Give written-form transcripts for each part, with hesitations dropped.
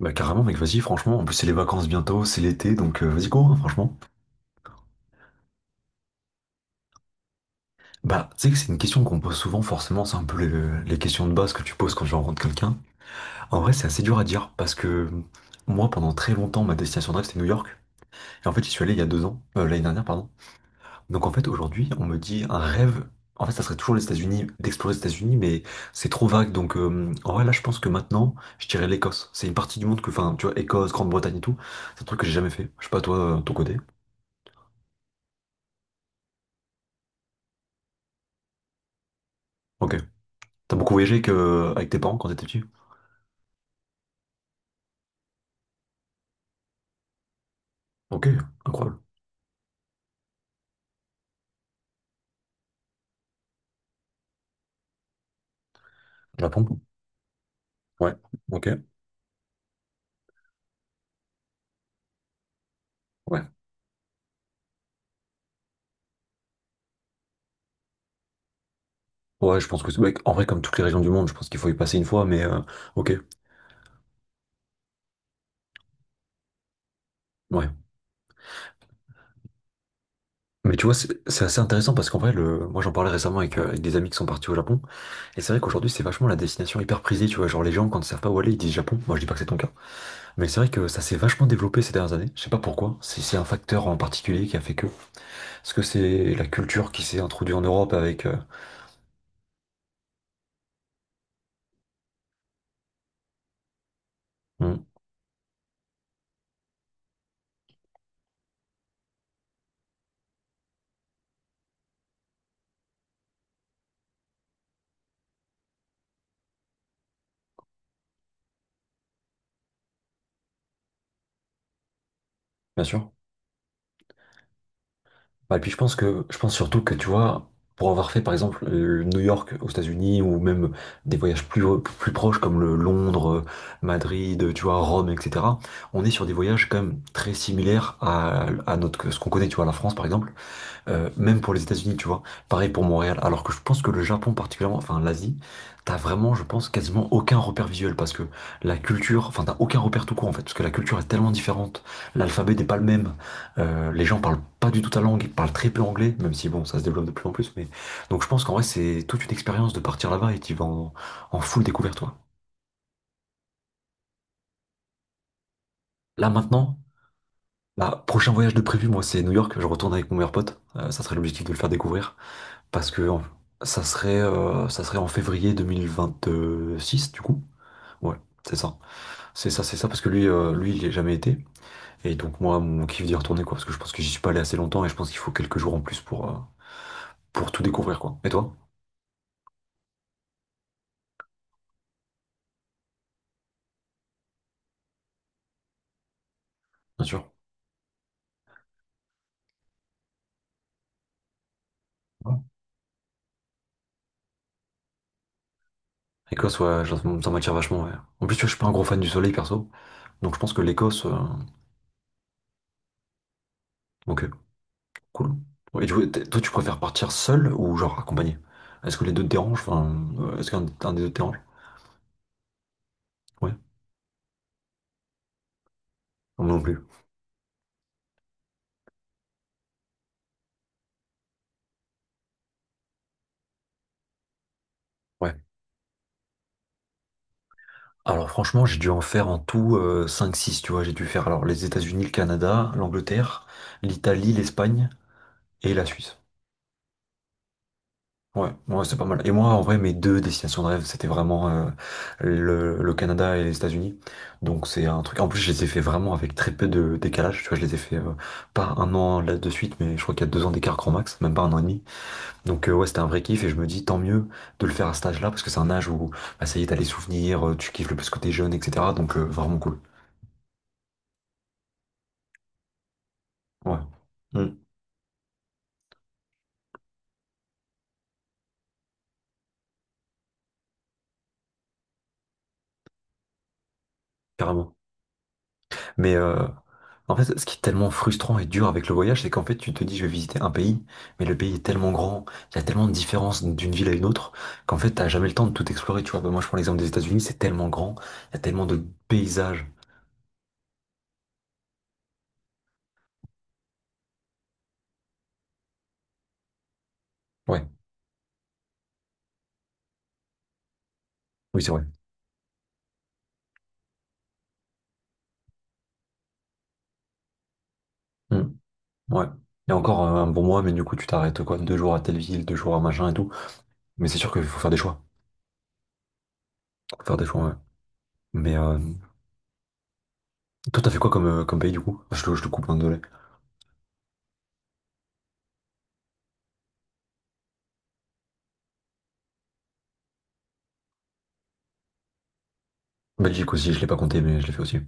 Bah carrément mec, vas-y franchement, en plus c'est les vacances bientôt, c'est l'été, donc vas-y go hein, franchement. Bah tu sais que c'est une question qu'on pose souvent forcément, c'est un peu les questions de base que tu poses quand tu rencontres quelqu'un. En vrai c'est assez dur à dire parce que moi pendant très longtemps ma destination de rêve c'était New York. Et en fait j'y suis allé il y a deux ans, l'année dernière pardon. Donc en fait aujourd'hui on me dit un rêve, en fait ça serait toujours les États-Unis, d'explorer les États-Unis mais c'est trop vague donc en vrai là je pense que maintenant je dirais l'Écosse. C'est une partie du monde que, enfin tu vois Écosse, Grande-Bretagne et tout, c'est un truc que j'ai jamais fait. Je sais pas toi, ton côté. Ok. T'as beaucoup voyagé que avec tes parents quand t'étais petit? Ok, incroyable. Japon? Ouais, ok, ouais. Ouais, je pense que c'est... ouais, en vrai, comme toutes les régions du monde, je pense qu'il faut y passer une fois, mais ok, ouais. Mais tu vois, c'est assez intéressant parce qu'en vrai, le... moi j'en parlais récemment avec, avec des amis qui sont partis au Japon, et c'est vrai qu'aujourd'hui c'est vachement la destination hyper prisée, tu vois, genre les gens quand ils savent pas où aller, ils disent Japon, moi je dis pas que c'est ton cas, mais c'est vrai que ça s'est vachement développé ces dernières années, je sais pas pourquoi, si c'est un facteur en particulier qui a fait que, est-ce que c'est la culture qui s'est introduite en Europe avec... hmm, bien sûr. Bah, et puis je pense que je pense surtout que tu vois, pour avoir fait par exemple New York aux États-Unis ou même des voyages plus, plus proches comme le Londres, Madrid, tu vois, Rome, etc., on est sur des voyages quand même très similaires à notre, ce qu'on connaît, tu vois, la France par exemple. Même pour les États-Unis, tu vois. Pareil pour Montréal. Alors que je pense que le Japon particulièrement, enfin l'Asie, t'as vraiment, je pense, quasiment aucun repère visuel parce que la culture, enfin t'as aucun repère tout court en fait, parce que la culture est tellement différente. L'alphabet n'est pas le même. Les gens parlent pas du tout ta langue, ils parlent très peu anglais, même si bon, ça se développe de plus en plus. Mais donc je pense qu'en vrai, c'est toute une expérience de partir là-bas et tu vas en full découverte, toi. Là maintenant. Bah, prochain voyage de prévu, moi c'est New York, je retourne avec mon meilleur pote, ça serait l'objectif de le faire découvrir. Parce que en- Ça serait, ça serait en février 2026 du coup. Ouais, c'est ça. C'est ça, c'est ça, parce que lui, lui, il n'y a jamais été. Et donc moi, mon kiff d'y retourner, quoi, parce que je pense que j'y suis pas allé assez longtemps et je pense qu'il faut quelques jours en plus pour tout découvrir, quoi. Et toi? Bien sûr. Ouais. Écosse, ouais, ça m'attire vachement, ouais. En plus, tu vois, je suis pas un gros fan du soleil, perso. Donc je pense que l'Écosse... ok, cool. Ouais, et du coup, toi, tu préfères partir seul ou genre accompagné? Est-ce que les deux te dérangent? Enfin, est-ce qu'un un des deux te dérange? Ouais, moi non plus. Ouais. Alors franchement, j'ai dû en faire en tout cinq six. Tu vois. J'ai dû faire alors les États-Unis, le Canada, l'Angleterre, l'Italie, l'Espagne et la Suisse. Ouais, ouais, c'est pas mal. Et moi, en vrai, mes deux destinations de rêve, c'était vraiment le Canada et les États-Unis. Donc c'est un truc. En plus, je les ai fait vraiment avec très peu de décalage. Tu vois, je les ai fait pas un an là de suite, mais je crois qu'il y a deux ans d'écart grand max, même pas un an et demi. Donc ouais, c'était un vrai kiff et je me dis tant mieux de le faire à cet âge-là parce que c'est un âge où bah, ça y est, t'as les souvenirs, tu kiffes le plus que t'es jeune, etc. Donc vraiment cool. Ouais. Mm, carrément. Mais en fait, ce qui est tellement frustrant et dur avec le voyage, c'est qu'en fait, tu te dis, je vais visiter un pays, mais le pays est tellement grand, il y a tellement de différences d'une ville à une autre, qu'en fait, t'as jamais le temps de tout explorer. Tu vois, bah, moi, je prends l'exemple des États-Unis, c'est tellement grand, il y a tellement de paysages. Ouais, oui, c'est vrai. Mm, ouais. Et encore un bon mois, mais du coup, tu t'arrêtes quoi, deux jours à telle ville, deux jours à machin et tout. Mais c'est sûr qu'il faut faire des choix. Faut faire des choix, ouais. Mais toi, t'as fait quoi comme, comme pays du coup? Je te coupe un désolé. Belgique aussi, je l'ai pas compté, mais je l'ai fait aussi.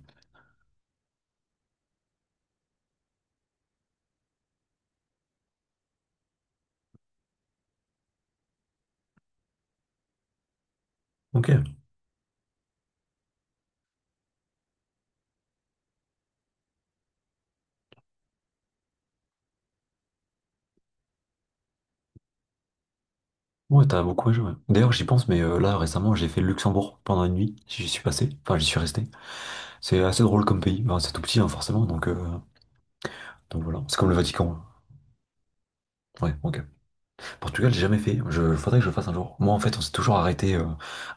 Ok. Ouais, t'as beaucoup à jouer. D'ailleurs, j'y pense, mais là, récemment, j'ai fait le Luxembourg pendant une nuit. J'y suis passé. Enfin, j'y suis resté. C'est assez drôle comme pays. Enfin, c'est tout petit, hein, forcément. Donc voilà. C'est comme le Vatican. Hein. Ouais, ok. Portugal, j'ai jamais fait. Je faudrait que je le fasse un jour. Moi, en fait, on s'est toujours arrêté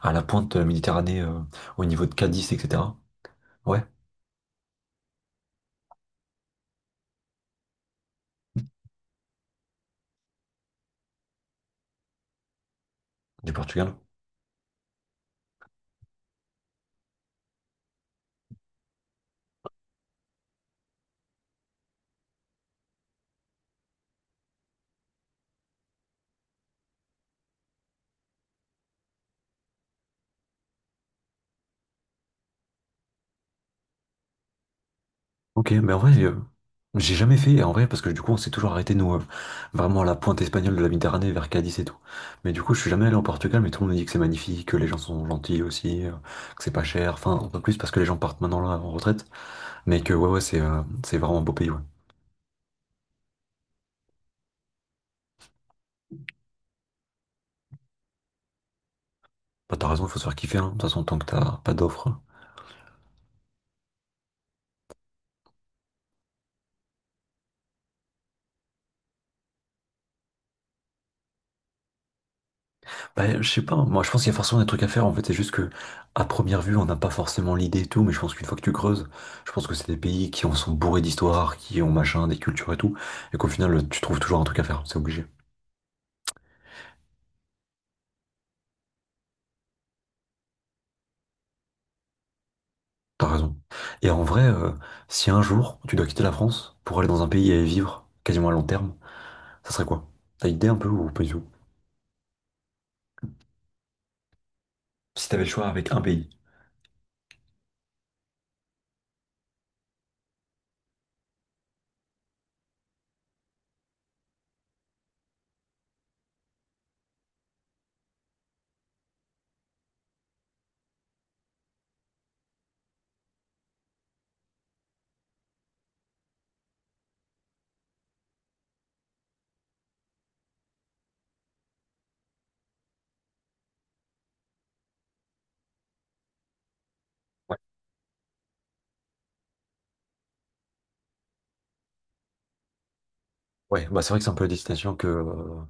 à la pointe de la Méditerranée, au niveau de Cadiz, etc. Ouais, du Portugal. Ok, mais en vrai, j'ai jamais fait, en vrai, parce que du coup, on s'est toujours arrêté, nous, vraiment à la pointe espagnole de la Méditerranée, vers Cadiz et tout. Mais du coup, je suis jamais allé au Portugal, mais tout le monde dit que c'est magnifique, que les gens sont gentils aussi, que c'est pas cher, enfin, un peu plus parce que les gens partent maintenant là en retraite, mais que ouais, ouais, c'est vraiment un beau pays, ouais. Bah, t'as raison, il faut se faire kiffer, hein. De toute façon, tant que t'as pas d'offres. Bah, je sais pas, moi je pense qu'il y a forcément des trucs à faire en fait, c'est juste que à première vue on n'a pas forcément l'idée et tout, mais je pense qu'une fois que tu creuses, je pense que c'est des pays qui en sont bourrés d'histoire, qui ont machin, des cultures et tout, et qu'au final tu trouves toujours un truc à faire, c'est obligé, t'as raison. Et en vrai, si un jour tu dois quitter la France pour aller dans un pays et y vivre quasiment à long terme, ça serait quoi? T'as idée un peu ou pas du tout? Si t'avais le choix avec un pays. Ouais, ouais, bah c'est vrai que c'est un peu la destination que,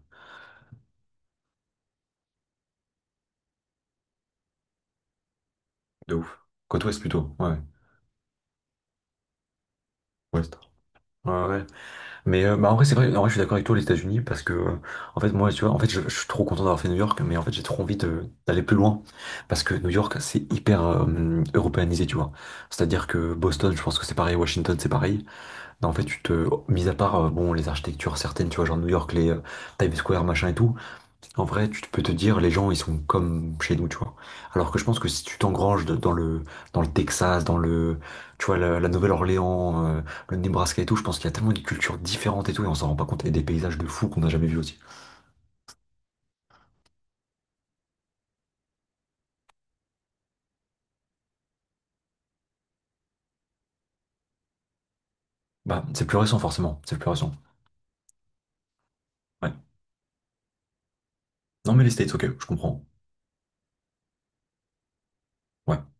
de ouf. Côte ouest plutôt, ouais. Ouest. Ouais, ouais. Mais bah, en vrai, c'est vrai, en vrai, je suis d'accord avec toi, les États-Unis, parce que, en fait, moi, tu vois, en fait, je suis trop content d'avoir fait New York, mais en fait, j'ai trop envie d'aller plus loin, parce que New York, c'est hyper européanisé, tu vois. C'est-à-dire que Boston, je pense que c'est pareil, Washington, c'est pareil. Mais en fait, tu te, mis à part, bon, les architectures certaines, tu vois, genre New York, les Times Square, machin et tout, en vrai, peux te dire, les gens, ils sont comme chez nous, tu vois. Alors que je pense que si tu t'engranges dans le Texas, dans le, tu vois, la Nouvelle-Orléans, le Nebraska et tout, je pense qu'il y a tellement de cultures différentes et tout, et on s'en rend pas compte, et des paysages de fou qu'on n'a jamais vus aussi. Bah, c'est plus récent, forcément. C'est plus récent. Ouais. Non, mais les States, ok, je comprends. Ouais.